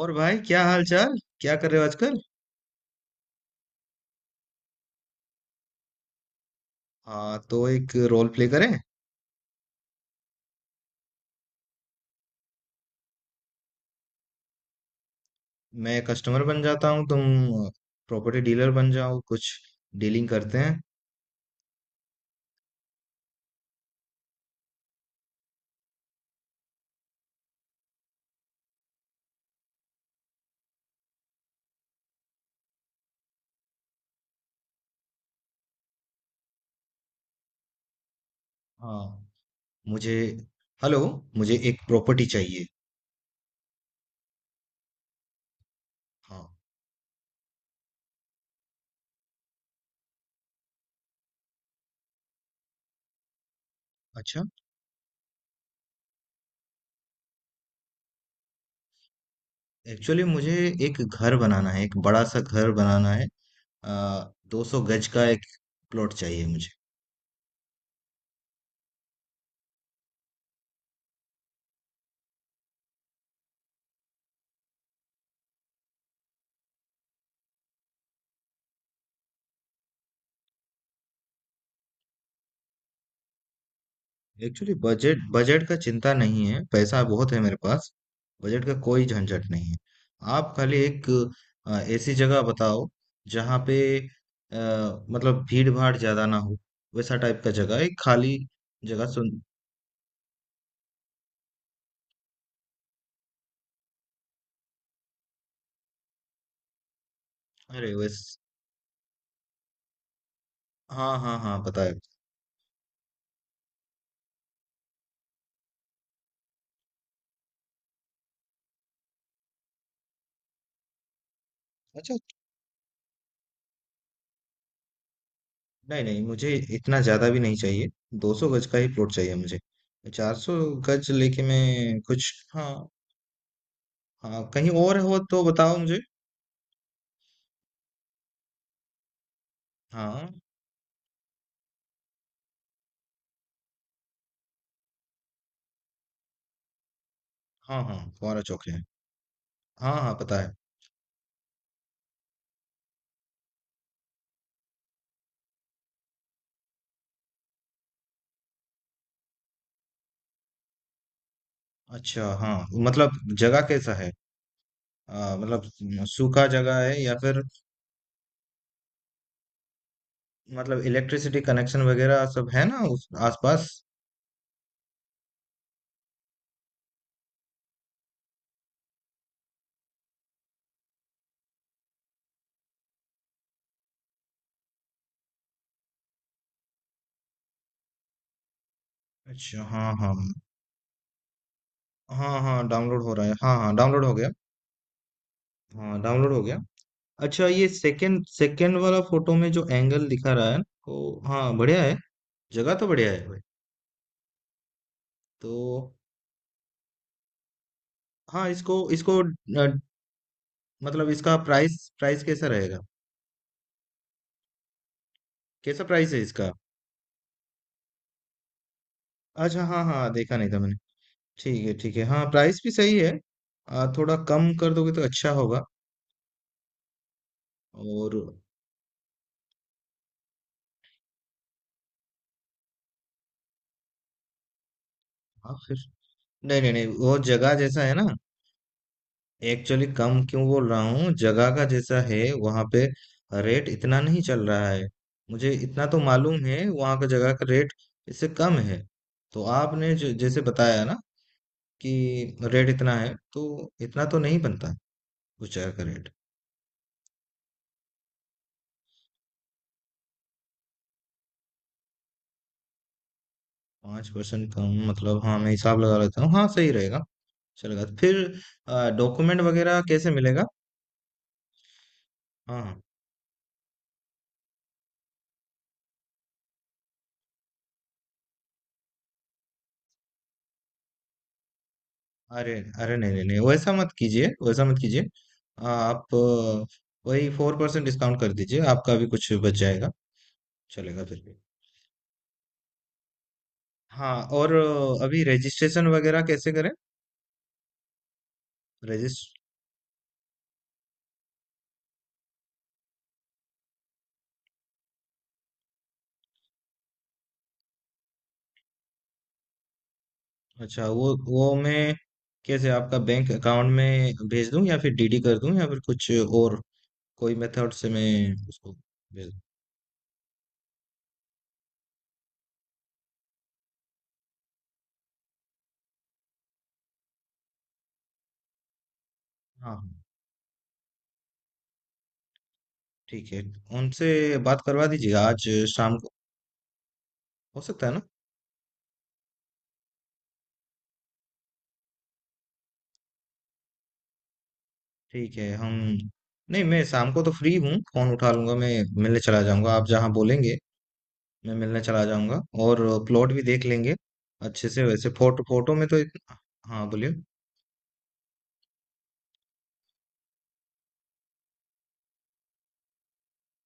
और भाई, क्या हाल चाल? क्या कर रहे हो आजकल? हाँ, तो एक रोल प्ले करें। मैं कस्टमर बन जाता हूँ, तुम प्रॉपर्टी डीलर बन जाओ, कुछ डीलिंग करते हैं। हाँ। मुझे हेलो, मुझे एक प्रॉपर्टी चाहिए। हाँ। अच्छा। एक्चुअली मुझे एक घर बनाना है, एक बड़ा सा घर बनाना है। आ, 200 गज का एक प्लॉट चाहिए मुझे। एक्चुअली बजट बजट का चिंता नहीं है, पैसा बहुत है मेरे पास। बजट का कोई झंझट नहीं है। आप खाली एक ऐसी जगह बताओ, जहाँ पे, अ, मतलब भीड़ भाड़ ज्यादा ना हो, वैसा टाइप का जगह, एक खाली जगह। सुन, अरे, वैस हाँ, हाँ, हाँ, बताया। अच्छा। नहीं, नहीं, मुझे इतना ज्यादा भी नहीं चाहिए। 200 गज का ही प्लॉट चाहिए मुझे। 400 गज लेके मैं कुछ, हाँ। हाँ, कहीं और हो तो बताओ मुझे। हाँ, हाँ, हाँ, फुहारा चौक है। हाँ, हाँ, पता है। अच्छा, हाँ, मतलब जगह कैसा है? मतलब सूखा जगह है, या फिर, मतलब इलेक्ट्रिसिटी कनेक्शन वगैरह सब है ना उस आसपास? अच्छा, हाँ, हाँ। हाँ, हाँ, डाउनलोड हो रहा है। हाँ, हाँ, डाउनलोड हो गया। हाँ, डाउनलोड हो गया। अच्छा, ये सेकंड सेकंड वाला फोटो में जो एंगल दिखा रहा है, तो हाँ, बढ़िया है। जगह तो बढ़िया है भाई। तो हाँ, इसको इसको मतलब इसका प्राइस प्राइस कैसा रहेगा? कैसा प्राइस है इसका? अच्छा, हाँ, हाँ, देखा नहीं था मैंने। ठीक है, ठीक है, हाँ, प्राइस भी सही है। थोड़ा कम कर दोगे तो अच्छा होगा। और, हाँ, फिर। नहीं, नहीं, नहीं, वो जगह जैसा है ना। एक्चुअली कम क्यों बोल रहा हूँ, जगह का जैसा है वहाँ पे रेट इतना नहीं चल रहा है। मुझे इतना तो मालूम है, वहाँ का जगह का रेट इससे कम है। तो आपने जो जैसे बताया ना कि रेट इतना है, तो इतना तो नहीं बनता उस जगह का रेट। 5% कम, मतलब हाँ, मैं हिसाब लगा लेता हूँ, हाँ, सही रहेगा। चलेगा फिर। डॉक्यूमेंट वगैरह कैसे मिलेगा? हाँ, हाँ, अरे, अरे, नहीं, नहीं, नहीं, वैसा मत कीजिए, वैसा मत कीजिए। आप, वही 4% डिस्काउंट कर दीजिए, आपका भी कुछ बच जाएगा। चलेगा फिर भी। हाँ, और अभी रजिस्ट्रेशन वगैरह कैसे करें? रजिस्ट अच्छा, वो मैं कैसे, आपका बैंक अकाउंट में भेज दूं, या फिर डीडी कर दूं, या फिर कुछ और कोई मेथड से मैं उसको भेज दूं? हाँ, हाँ, ठीक है, उनसे बात करवा दीजिएगा। आज शाम को हो सकता है ना? ठीक है, हम, नहीं, मैं शाम को तो फ्री हूँ, फोन उठा लूंगा मैं। मिलने चला जाऊंगा, आप जहाँ बोलेंगे। मैं मिलने चला जाऊंगा और प्लॉट भी देख लेंगे अच्छे से। वैसे फोटो फोटो में तो हाँ, बोलिए।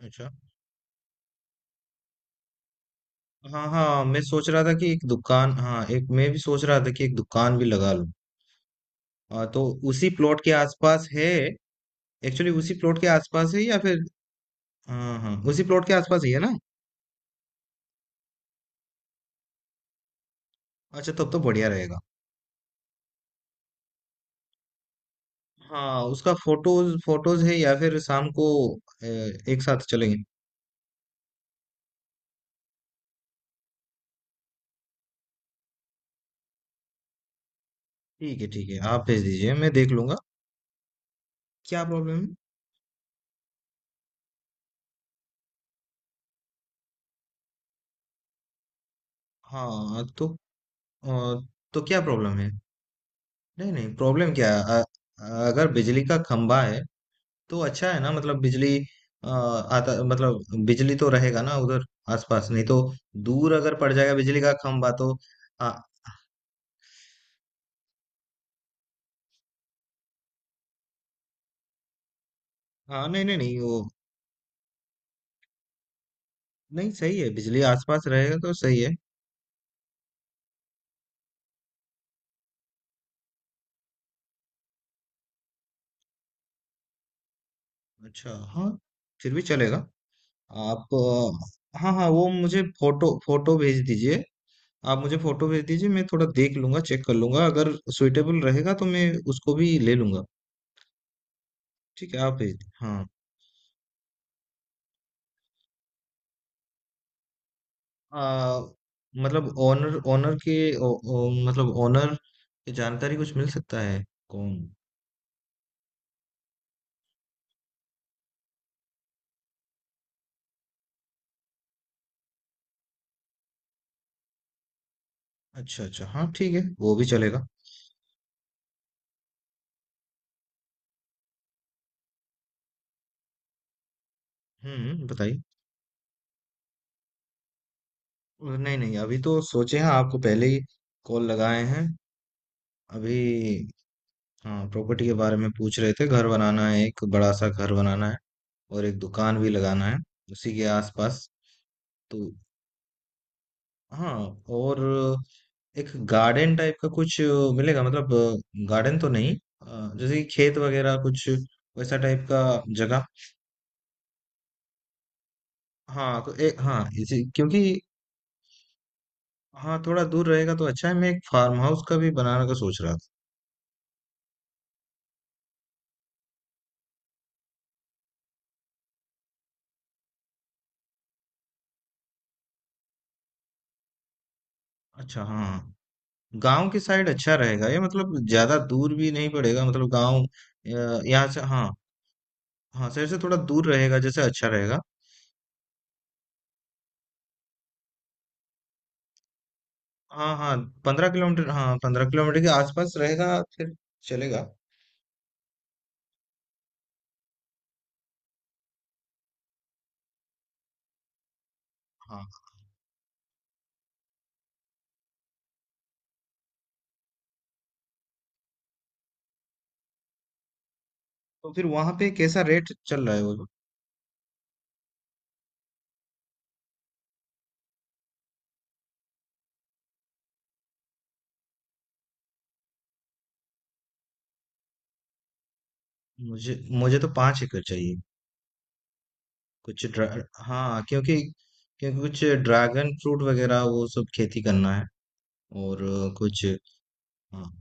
अच्छा, हाँ, हाँ, मैं सोच रहा था कि एक दुकान, हाँ, एक, मैं भी सोच रहा था कि एक दुकान भी लगा लूँ। तो उसी प्लॉट के आसपास है? एक्चुअली उसी प्लॉट के आसपास है, या फिर? हाँ, हाँ, उसी प्लॉट के आसपास ही है ना। अच्छा, तब तो बढ़िया रहेगा। हाँ, उसका फोटोज फोटोज है, या फिर शाम को ए, एक साथ चलेंगे? ठीक है, ठीक है, आप भेज दीजिए, मैं देख लूंगा। क्या प्रॉब्लम है? हाँ, तो? अ, तो क्या प्रॉब्लम है? नहीं, नहीं, प्रॉब्लम क्या है, अगर बिजली का खंभा है तो अच्छा है ना, मतलब बिजली, आता, मतलब बिजली तो रहेगा ना उधर आसपास, नहीं तो दूर अगर पड़ जाएगा बिजली का खंभा, तो। हाँ, हाँ, नहीं, नहीं, नहीं, वो, नहीं, सही है, बिजली आसपास रहेगा तो सही है। अच्छा, हाँ, फिर भी चलेगा। आप, हाँ, हाँ, वो मुझे फोटो फोटो भेज दीजिए। आप मुझे फोटो भेज दीजिए, मैं थोड़ा देख लूंगा, चेक कर लूंगा, अगर सुइटेबल रहेगा तो मैं उसको भी ले लूंगा। ठीक है, आप भेज दीजिए, हाँ। आ, मतलब ओनर ओनर के ओ, ओ, मतलब ओनर की जानकारी कुछ मिल सकता है? कौन? अच्छा, अच्छा, हाँ, ठीक है, वो भी चलेगा। हम्म, बताइए। नहीं, नहीं, अभी तो सोचे हैं, आपको पहले ही कॉल लगाए हैं अभी। हाँ, प्रॉपर्टी के बारे में पूछ रहे थे, घर बनाना है, एक बड़ा सा घर बनाना है, और एक दुकान भी लगाना है उसी के आसपास। तो हाँ, और एक गार्डन टाइप का कुछ मिलेगा? मतलब गार्डन तो नहीं, जैसे कि खेत वगैरह कुछ, वैसा टाइप का जगह। हाँ, तो एक, हाँ, इसी, क्योंकि, हाँ, थोड़ा दूर रहेगा तो अच्छा है, मैं एक फार्म हाउस का भी बनाने का सोच रहा था। अच्छा, हाँ, गांव की साइड अच्छा रहेगा ये, मतलब ज्यादा दूर भी नहीं पड़ेगा, मतलब गांव, यहाँ से, हाँ। हाँ, शहर से थोड़ा दूर रहेगा जैसे, अच्छा रहेगा। हाँ, हाँ, 15 किलोमीटर, हाँ, 15 किलोमीटर के आसपास रहेगा फिर, चलेगा। हाँ, तो फिर वहां पे कैसा रेट चल रहा है वो? मुझे मुझे तो 5 एकड़ चाहिए। कुछ ड्रा हाँ, क्योंकि क्योंकि कुछ ड्रैगन फ्रूट वगैरह वो सब खेती करना है, और कुछ। हाँ,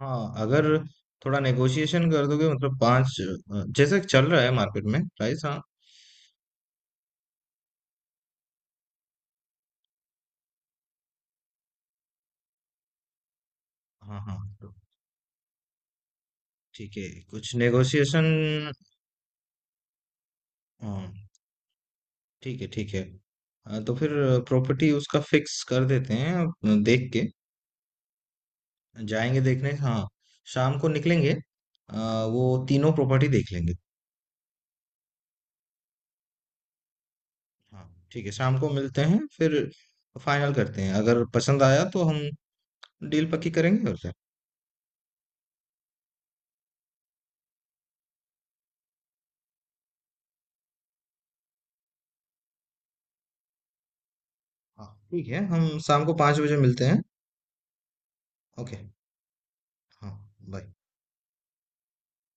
हाँ, अगर थोड़ा नेगोशिएशन कर दोगे, मतलब पांच, जैसे चल रहा है मार्केट में प्राइस, हाँ। हाँ, हाँ, तो ठीक है, कुछ नेगोशिएशन। हाँ, ठीक है, ठीक है, तो फिर प्रॉपर्टी उसका फिक्स कर देते हैं, देख के जाएंगे देखने, हाँ, शाम को निकलेंगे। वो तीनों प्रॉपर्टी देख लेंगे। हाँ, ठीक है, शाम को मिलते हैं फिर। फाइनल करते हैं, अगर पसंद आया तो हम डील पक्की करेंगे, और क्या। हाँ, ठीक है, हम शाम को 5 बजे मिलते हैं। ओके, हाँ, बाय।